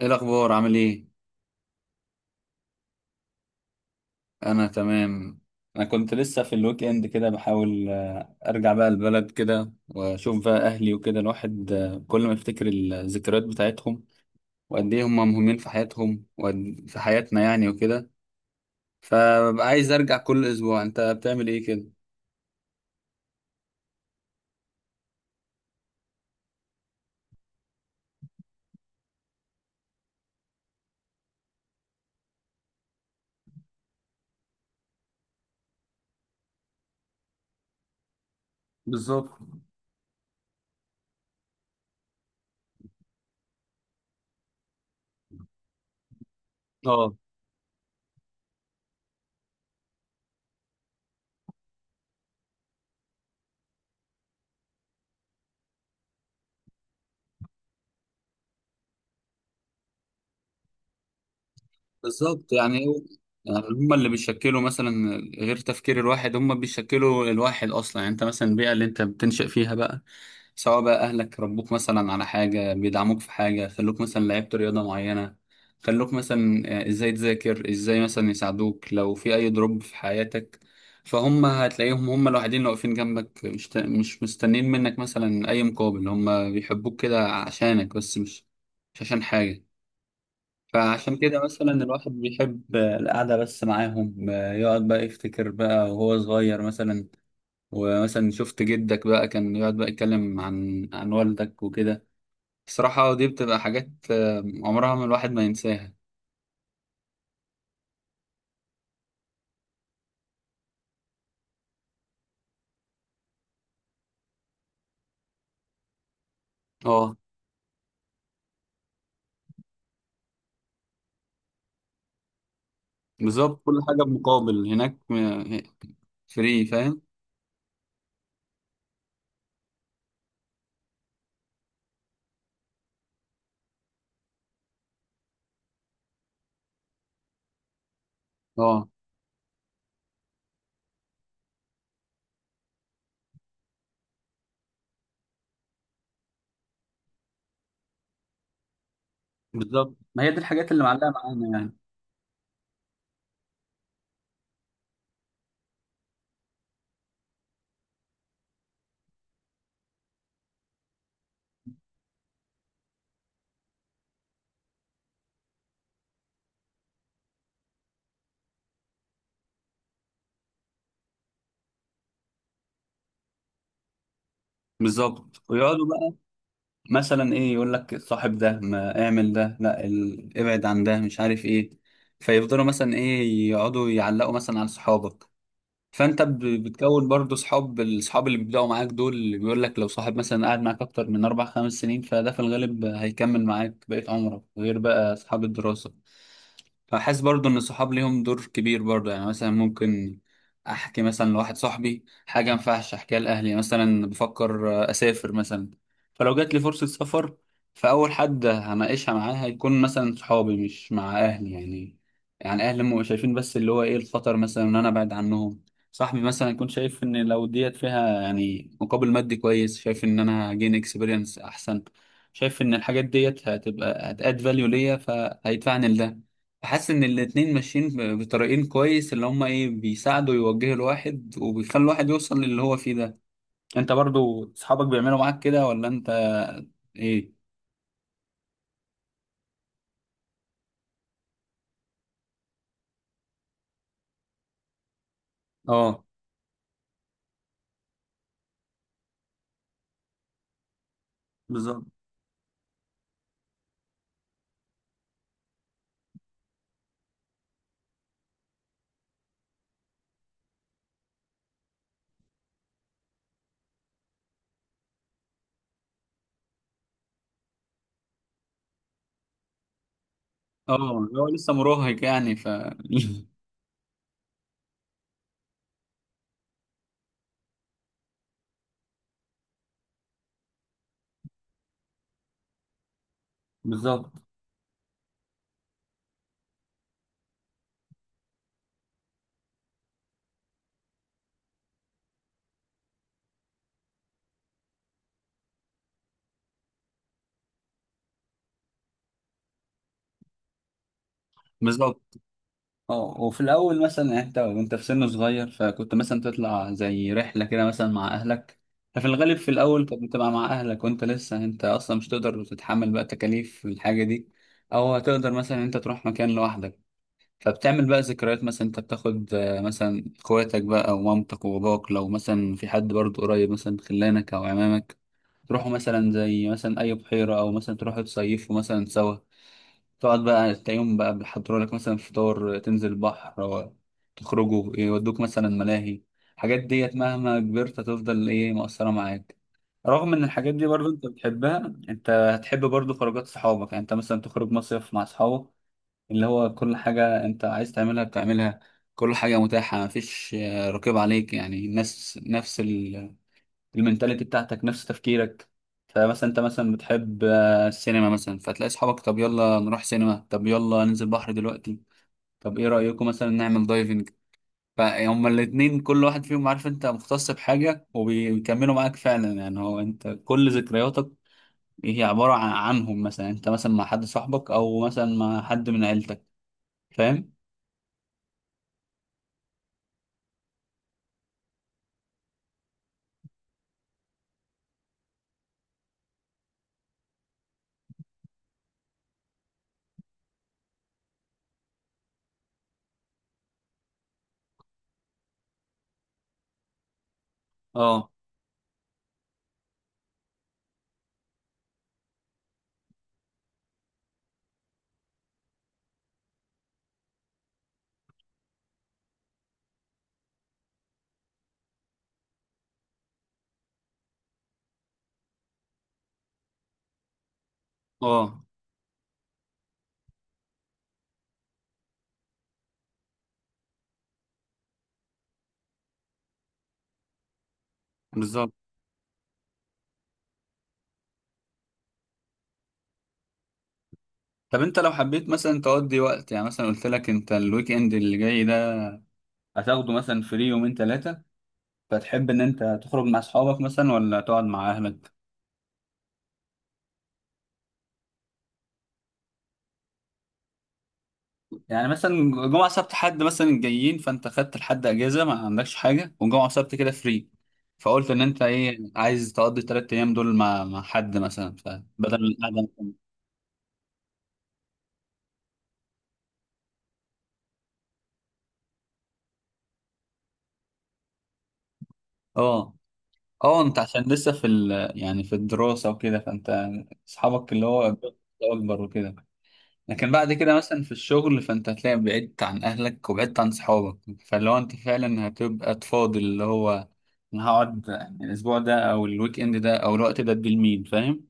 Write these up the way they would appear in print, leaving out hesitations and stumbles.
ايه الاخبار؟ عامل ايه؟ انا تمام. انا كنت لسه في الويك اند كده بحاول ارجع بقى البلد كده واشوف بقى اهلي وكده. الواحد كل ما يفتكر الذكريات بتاعتهم وقد ايه هم مهمين في حياتهم وفي حياتنا يعني وكده، فببقى عايز ارجع كل اسبوع. انت بتعمل ايه كده؟ بالظبط. اه، بالظبط. يعني يعني هم اللي بيشكلوا مثلا غير تفكير الواحد، هم بيشكلوا الواحد اصلا. يعني انت مثلا البيئه اللي انت بتنشأ فيها بقى، سواء بقى اهلك ربوك مثلا على حاجه، بيدعموك في حاجه، خلوك مثلا لعبت رياضه معينه، خلوك مثلا ازاي تذاكر، ازاي مثلا يساعدوك لو في اي دروب في حياتك. فهم هتلاقيهم هم الوحيدين اللي واقفين جنبك، مش مستنين منك مثلا اي مقابل، هم بيحبوك كده عشانك بس، مش مش عشان حاجه. فعشان كده مثلا الواحد بيحب القعده بس معاهم، يقعد بقى يفتكر بقى وهو صغير مثلا. ومثلا شفت جدك بقى كان يقعد بقى يتكلم عن والدك وكده. الصراحة دي بتبقى حاجات عمرها ما الواحد ما ينساها. اه بالظبط، كل حاجة بمقابل هناك. فري فاهم. اه بالظبط، ما هي دي الحاجات اللي معلقة معانا يعني. بالظبط ويقعدوا بقى مثلا ايه يقول لك صاحب ده، ما اعمل ده، لا ابعد عن ده، مش عارف ايه. فيفضلوا مثلا ايه يقعدوا يعلقوا مثلا على صحابك. فانت بتكون برضو صحاب. الصحاب اللي بيبداوا معاك دول اللي بيقول لك، لو صاحب مثلا قاعد معاك اكتر من اربع خمس سنين فده في الغالب هيكمل معاك بقية عمرك، غير بقى اصحاب الدراسة. فحاسس برضو ان الصحاب ليهم دور كبير برضو. يعني مثلا ممكن احكي مثلا لواحد صاحبي حاجه ما ينفعش احكيها لاهلي. مثلا بفكر اسافر مثلا، فلو جات لي فرصه سفر، فاول حد هناقشها معاه هيكون مثلا صحابي، مش مع اهلي يعني. يعني اهلي هم شايفين بس اللي هو ايه الخطر مثلا ان انا ابعد عنهم. صاحبي مثلا يكون شايف ان لو ديت فيها يعني مقابل مادي كويس، شايف ان انا هجين اكسبيرينس احسن، شايف ان الحاجات ديت هتبقى هتاد فاليو ليا، فهيدفعني لده. حاسس ان الاتنين ماشيين بطريقين كويس، اللي هما ايه بيساعدوا يوجهوا الواحد، وبيخلوا الواحد يوصل للي هو فيه ده. انت برضو اصحابك بيعملوا معاك كده ولا انت؟ ايه؟ اه بالظبط. اه، هو لسه مراهق يعني، ف... بالظبط. بالظبط، اه. وفي الاول مثلا يعني انت وانت في سن صغير، فكنت مثلا تطلع زي رحله كده مثلا مع اهلك. ففي الغالب في الاول كنت بتبقى مع اهلك، وانت لسه انت اصلا مش تقدر تتحمل بقى تكاليف الحاجه دي، او هتقدر مثلا انت تروح مكان لوحدك. فبتعمل بقى ذكريات، مثلا انت بتاخد مثلا اخواتك بقى ومامتك وباباك، لو مثلا في حد برضه قريب مثلا خلانك او عمامك، تروحوا مثلا زي مثلا اي بحيره، او مثلا تروحوا تصيفوا مثلا سوا. تقعد بقى تلاقيهم بقى بيحضروا لك مثلا فطار، تنزل البحر، أو تخرجوا يودوك مثلا ملاهي. الحاجات ديت مهما كبرت هتفضل ايه مؤثرة معاك. رغم ان الحاجات دي برضو انت بتحبها، انت هتحب برضو خروجات صحابك. يعني انت مثلا تخرج مصيف مع اصحابك، اللي هو كل حاجة انت عايز تعملها بتعملها، كل حاجة متاحة، مفيش رقيب عليك. يعني الناس نفس المينتاليتي بتاعتك، نفس تفكيرك. فمثلا انت مثلا بتحب السينما مثلا، فتلاقي اصحابك طب يلا نروح سينما، طب يلا ننزل بحر دلوقتي، طب ايه رأيكم مثلا نعمل دايفنج. فهم الاتنين كل واحد فيهم عارف انت مختص بحاجة وبيكملوا معاك فعلا. يعني هو انت كل ذكرياتك هي عبارة عن عنهم، مثلا انت مثلا مع حد صاحبك، او مثلا مع حد من عيلتك. فاهم؟ اه. اه بالظبط. طب انت لو حبيت مثلا تقضي وقت، يعني مثلا قلت لك انت الويك اند اللي جاي ده هتاخده مثلا فري يومين ثلاثة، فتحب إن أنت تخرج مع أصحابك مثلا ولا تقعد مع أهلك؟ يعني مثلا جمعة سبت حد مثلا جايين، فأنت خدت لحد أجازة، ما عندكش حاجة، وجمعة سبت كده فري، فقلت إن أنت إيه عايز تقضي التلات أيام دول مع مع حد مثلا، فبدل القعدة. أه. أه أنت عشان لسه في ال يعني في الدراسة وكده، فأنت أصحابك اللي هو أكبر وكده. لكن بعد كده مثلا في الشغل فانت هتلاقي بعدت عن اهلك وبعدت عن صحابك. فاللي هو انت فعلا هتبقى تفاضل، اللي هو انا هقعد يعني الاسبوع ده او الويك اند ده او الوقت ده، ادي لمين. فاهم؟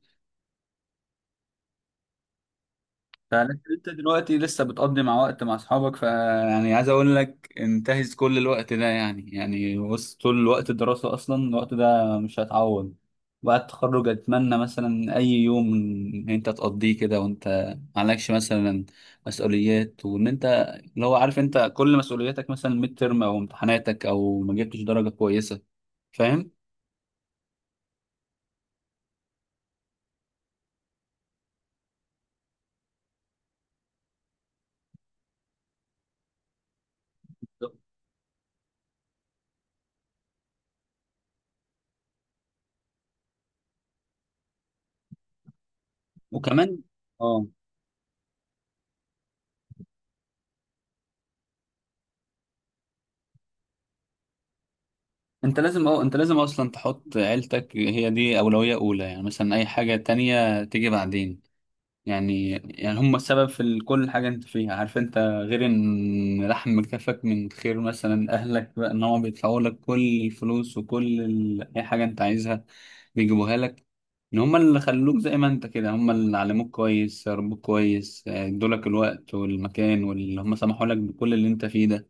فانت دلوقتي لسه بتقضي مع وقت مع اصحابك، فيعني عايز اقول لك انتهز كل الوقت ده يعني. يعني بص طول وقت الدراسة اصلا الوقت ده مش هيتعوض. بعد التخرج اتمنى مثلا اي يوم ان انت تقضيه كده وانت معلكش مثلا مسؤوليات، وان انت اللي هو عارف انت كل مسؤولياتك، مثلا ميد ترم او امتحاناتك او ما جبتش درجة كويسة. فاهم؟ وكمان اه، انت لازم اه، انت لازم اصلا تحط عيلتك، هي دي اولوية اولى. يعني مثلا اي حاجة تانية تيجي بعدين. يعني يعني هم السبب في كل حاجة انت فيها. عارف انت، غير ان لحم كفك من خير مثلا اهلك بقى، ان هم بيدفعوا لك كل الفلوس وكل اي حاجة انت عايزها بيجيبوها لك، ان هم اللي خلوك زي ما انت كده، هم اللي علموك كويس، ربوك كويس، ادولك الوقت والمكان، واللي هم سمحوا لك بكل اللي انت فيه ده.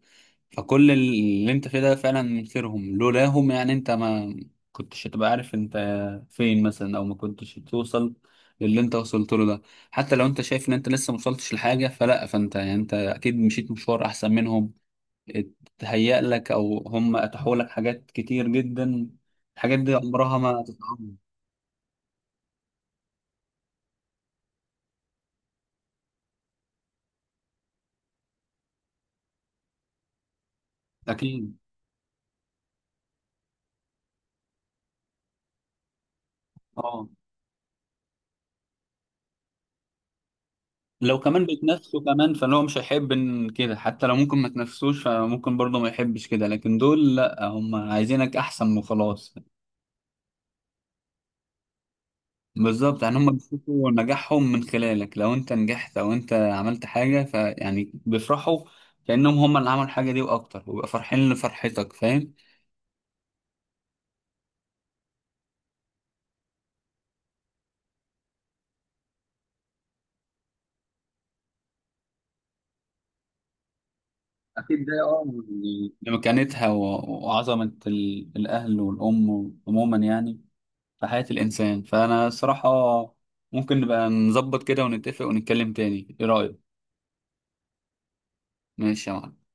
فكل اللي انت فيه ده فعلا من خيرهم، لولاهم يعني انت ما كنتش هتبقى عارف انت فين مثلا، او ما كنتش توصل للي انت وصلت له ده. حتى لو انت شايف ان انت لسه ما وصلتش لحاجه، فلا، فانت يعني انت اكيد مشيت مشوار احسن منهم، اتهيأ لك، او هم اتاحوا لك حاجات كتير جدا. الحاجات دي عمرها ما هتتعوض. اكيد. اه لو كمان بيتنافسوا كمان، فهو مش هيحب إن كده، حتى لو ممكن ما تنافسوش فممكن برضه ما يحبش كده، لكن دول لا، هم عايزينك احسن وخلاص. بالظبط يعني هم بيشوفوا نجاحهم من خلالك، لو انت نجحت او انت عملت حاجة فيعني بيفرحوا كأنهم هم اللي عملوا الحاجة دي واكتر، ويبقى فرحين لفرحتك. فاهم؟ أكيد ده اه، يعني لمكانتها وعظمة الأهل والأم عموما يعني في حياة الإنسان. فأنا الصراحة ممكن نبقى نظبط كده ونتفق ونتكلم تاني، إيه رأيك؟ ماشي يا معلم.